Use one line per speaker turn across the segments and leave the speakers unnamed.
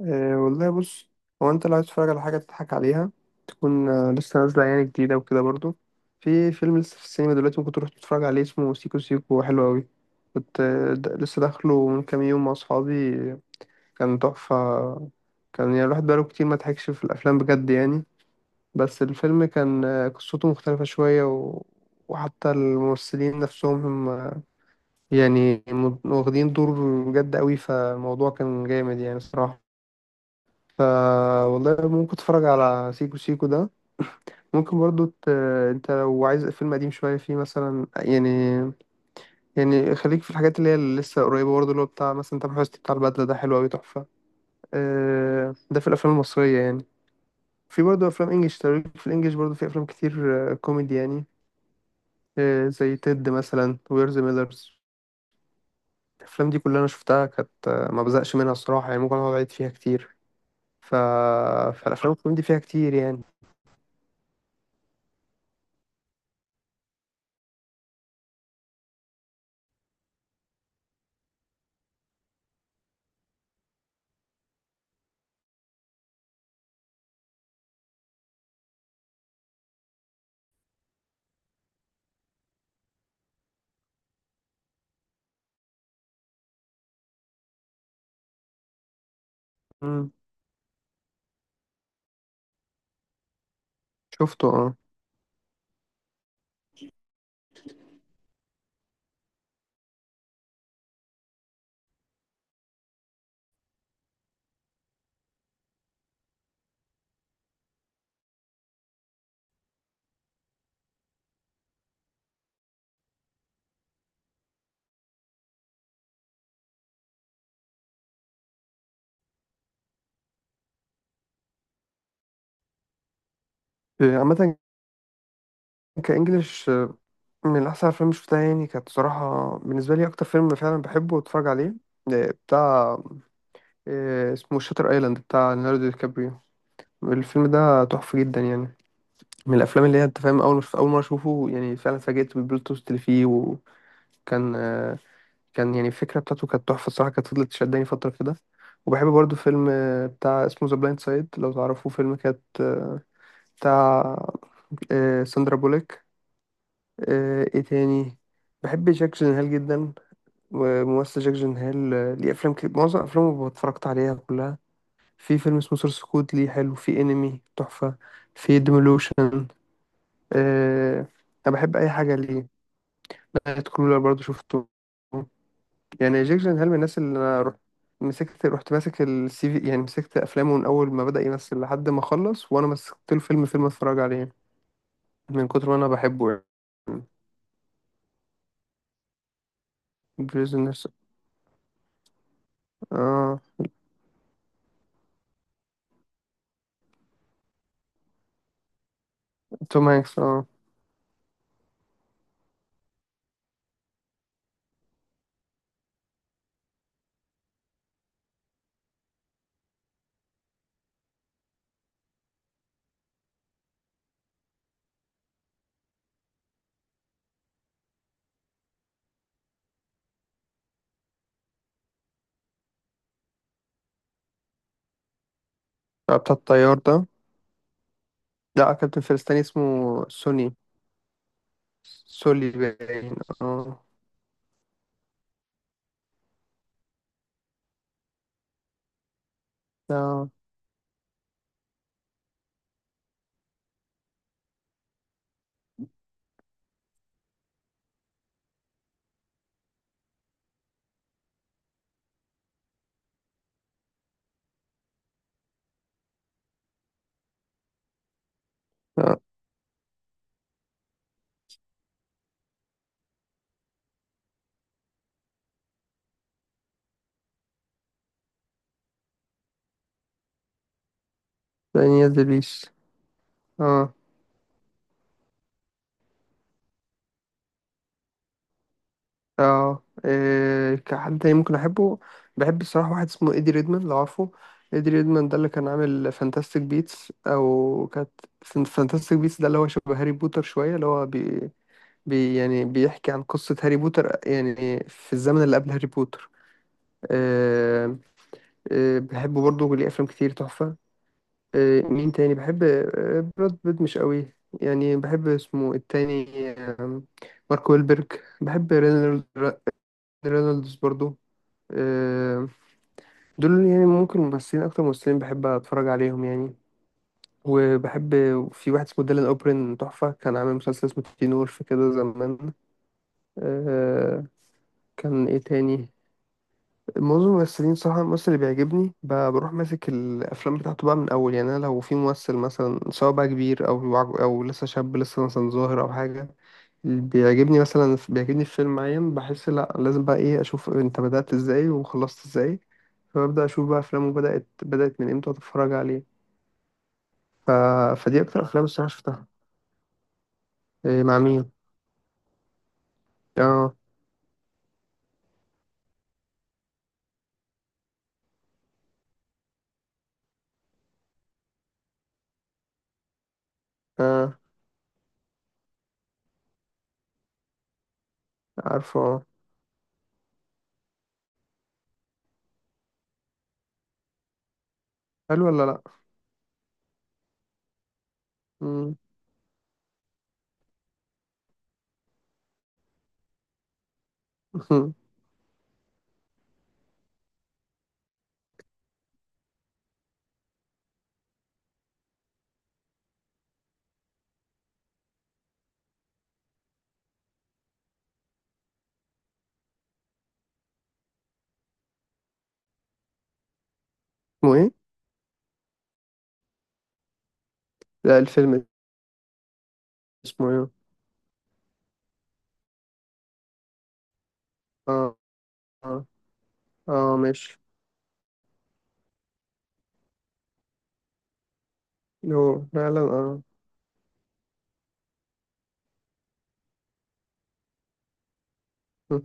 أه والله بص. هو انت لو عايز تتفرج على حاجة تضحك عليها تكون لسه نازلة يعني جديدة وكده برضو، في فيلم لسه في السينما دلوقتي ممكن تروح تتفرج عليه اسمه سيكو سيكو حلو أوي. كنت لسه داخله من كام يوم مع أصحابي. كان تحفة، كان يعني الواحد بقاله كتير ما ضحكش في الأفلام بجد يعني. بس الفيلم كان قصته مختلفة شوية وحتى الممثلين نفسهم هم يعني واخدين دور بجد أوي، فالموضوع كان جامد يعني صراحة. ف والله ممكن تتفرج على سيكو سيكو ده، ممكن برضو انت لو عايز فيلم قديم شوية فيه مثلا يعني خليك في الحاجات اللي هي اللي لسه قريبة برضو، اللي هو بتاع مثلا تامر حسني، بتاع البدلة ده حلو أوي تحفة. ده في الأفلام المصرية يعني. في برضو أفلام إنجلش، تاريخ في الإنجليش برضو في أفلام كتير كوميدي يعني. زي تيد مثلا، وير ذا ميلرز. الأفلام دي كلها أنا شفتها كانت ما بزقش منها الصراحة، يعني ممكن أقعد أعيد فيها كتير. ف... فالأفلام الكوميدي فيها كتير يعني. مم. شفته اه. عامة كإنجليش، من أحسن الأفلام اللي شفتها يعني كانت صراحة، بالنسبة لي أكتر فيلم فعلا بحبه وأتفرج عليه آه، بتاع آه، اسمه شاتر أيلاند بتاع ليوناردو دي كابريو. الفيلم ده تحفة جدا يعني، من الأفلام اللي هي أنت فاهم، أول أول مرة أشوفه يعني فعلا اتفاجئت بالبلوت تويست اللي فيه. وكان آه، كان يعني الفكرة بتاعته كانت تحفة الصراحة، كانت فضلت تشدني فترة كده. وبحب برضو فيلم بتاع اسمه ذا بلايند سايد لو تعرفوه، فيلم كانت آه، بتاع آه، ساندرا بوليك. ايه تاني. بحب جاك جينهال جدا، وممثل جاك جينهال ليه افلام كتير، معظم افلامه اتفرجت عليها كلها. في فيلم اسمه سورس كود ليه حلو، في انمي تحفة، في ديمولوشن. أه. انا بحب اي حاجة ليه. نايت كرولر برضو شفته. يعني جاك جينهال من الناس اللي انا رحت مسكت، رحت ماسك السي في يعني، مسكت افلامه من اول ما بدأ يمثل لحد ما خلص، وانا مسكت له فيلم فيلم اتفرج عليه، من كتر ما انا بحبه يعني. بريزون نفسه. اه توم هانكس اه. بتاع الطيار ده. لا كابتن فارس تاني اسمه سوني. سولي باين. اه. اه اه دانيال دلويش. اه. اه، إيه كحد تاني ممكن احبه. بحب الصراحة واحد اسمه ايدي ريدمان لو عارفه. ايدي ريدمان ده اللي كان عامل فانتاستيك بيتس او كانت، فانتاستيك بيتس ده اللي هو شبه هاري بوتر شوية، اللي هو بي يعني بيحكي عن قصة هاري بوتر، يعني في الزمن اللي قبل هاري بوتر. آه، بحبه برضه، ليه أفلام كتير تحفة. مين تاني بحب، براد بيت مش قوي يعني، بحب اسمه التاني آه، مارك ويلبرج. بحب رينولدز برضو. آه، دول يعني ممكن ممثلين، اكتر ممثلين بحب اتفرج عليهم يعني. وبحب في واحد اسمه ديلان اوبرين تحفة، كان عامل مسلسل اسمه تين وولف كده زمان. آه، كان ايه تاني. معظم الممثلين صراحة الممثل اللي بيعجبني بروح ماسك الأفلام بتاعته بقى من أول، يعني أنا لو في ممثل مثلا سواء بقى كبير أو لسه شاب لسه مثلا ظاهر أو حاجة، اللي بيعجبني مثلا بيعجبني في فيلم معين بحس لأ لازم بقى إيه أشوف أنت بدأت إزاي وخلصت إزاي، فببدأ أشوف بقى أفلامه بدأت من إمتى وأتفرج عليه. ف... فدي أكتر أفلام الصراحة شفتها. إيه مع مين؟ آه آه. عارفه آه. حلو ولا لأ؟ مم. اسمه إيه؟ لا الفيلم. اسمه إيه؟ آه. آه. اه ماشي. هو فعلا اه. م.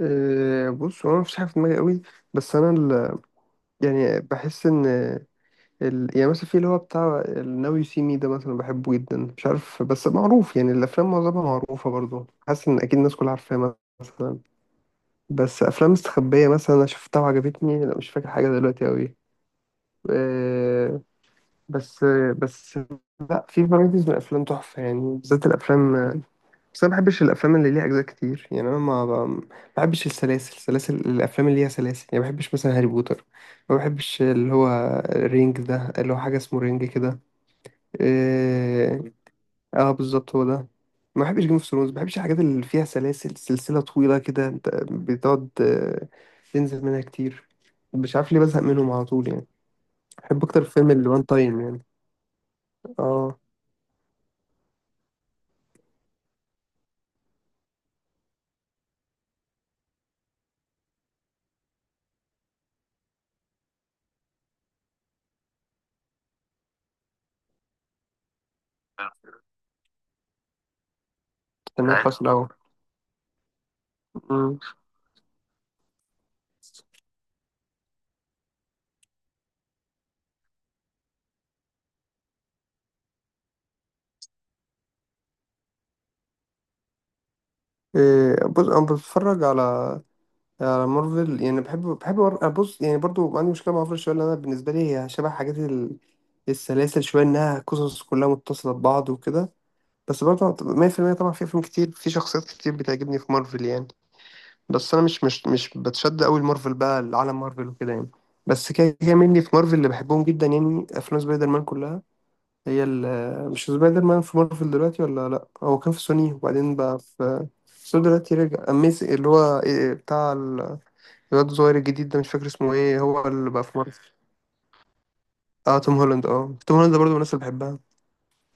بص هو أنا مفيش حاجة في دماغي قوي. بس أنا يعني بحس إن يعني مثلا في اللي هو بتاع الناو يو سي مي ده مثلا بحبه جدا، مش عارف بس معروف، يعني الأفلام معظمها معروفة برضو، حاسس إن أكيد الناس كلها عارفاها مثلا. بس أفلام مستخبية مثلا أنا شفتها وعجبتني، لا مش فاكر حاجة دلوقتي قوي. آه، بس بس لا، في فرايتيز من الأفلام تحفة يعني، بالذات الأفلام. بس انا ما بحبش الافلام اللي ليها اجزاء كتير، يعني انا ما بحبش السلاسل، سلاسل الافلام اللي ليها سلاسل، يعني ما بحبش مثلا هاري بوتر، ما بحبش اللي هو رينج ده، اللي هو حاجه اسمه رينج كده. إيه... اه بالظبط هو ده. ما بحبش جيم اوف ثرونز، ما بحبش الحاجات اللي فيها سلاسل سلسله طويله كده، انت بتقعد تنزل منها كتير، مش عارف ليه بزهق منهم على طول يعني. بحب اكتر الفيلم اللي وان تايم يعني. اه تمام أيوة. حصل اهو. مم. بص انا بتفرج على على مارفل، يعني بص يعني برضو عندي مشكلة مع مارفل شوية، لأن أنا بالنسبة لي هي شبه حاجات السلاسل شوية، إنها قصص كلها متصلة ببعض وكده. بس برضو 100% طبعا في أفلام كتير، في شخصيات كتير بتعجبني في مارفل يعني. بس أنا مش بتشد أوي لمارفل بقى، لعالم مارفل وكده يعني. بس كده كده مني في مارفل اللي بحبهم جدا يعني أفلام سبايدر مان كلها. هي مش سبايدر مان في مارفل دلوقتي ولا لأ، هو كان في سوني وبعدين بقى في سوني، دلوقتي رجع أميز، اللي هو بتاع الواد الصغير الجديد ده، مش فاكر اسمه ايه، هو اللي بقى في مارفل. اه توم هولاند، اه توم هولاند ده برضه من الناس اللي بحبها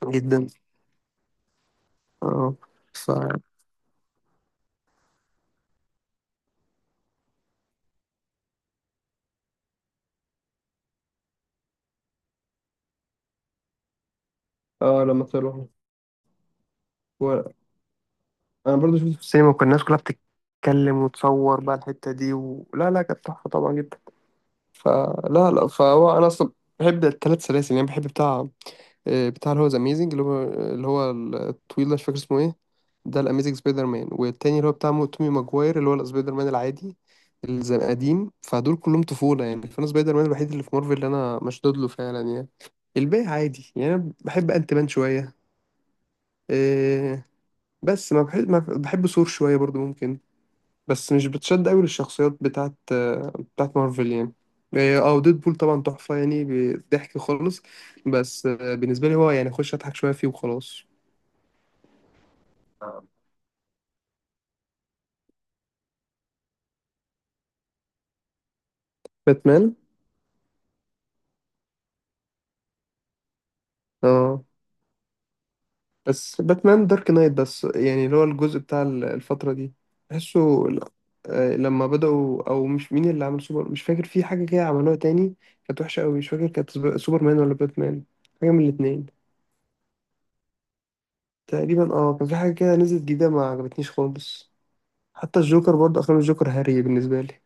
جدا. اه. ف اه لما طلعوا. و... انا برضه شفته في السينما، وكان الناس كلها بتتكلم وتصور بقى الحتة دي لا لا، كانت تحفة طبعا جدا. فلا لا، فهو انا اصلا بحب الثلاث سلاسل يعني، بحب بتاع بتاع اللي هو ذا اميزنج، اللي هو الطويل ده مش فاكر اسمه ايه، ده الاميزنج سبايدر مان، والتاني اللي هو بتاع تومي ماجواير اللي هو السبايدر مان العادي اللي زي القديم، فدول كلهم طفولة يعني. فانا سبايدر مان الوحيد اللي في مارفل اللي انا مشدود له فعلا يعني، الباقي عادي يعني. انا بحب انت مان شوية، إيه، بس ما بحب ثور شوية برضو ممكن، بس مش بتشد قوي للشخصيات بتاعت مارفل يعني. إيه، اه ديد بول طبعا تحفة يعني، ضحك خالص، بس بالنسبة لي هو يعني اخش اضحك شوية فيه وخلاص. باتمان اه. بس باتمان دارك نايت بس، يعني اللي هو الجزء بتاع الفترة دي بحسه ل- لما بدأوا، أو مش مين اللي عمل سوبر، مش فاكر، في حاجة كده عملوها تاني كانت وحشة أوي، مش فاكر كانت سوبرمان ولا باتمان، حاجة من الاتنين. تقريبا اه، كان في حاجة كده نزلت جديدة ما عجبتنيش خالص. حتى الجوكر برضه، أفلام الجوكر هري بالنسبة لي،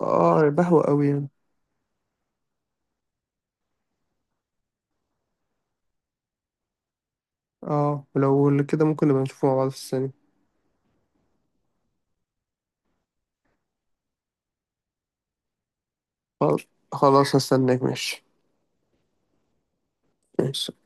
اه بهوى أوي يعني. اه ولو كده ممكن نبقى نشوفه مع بعض في السينما. خلاص خلاص، هستناك ماشي. ماشي.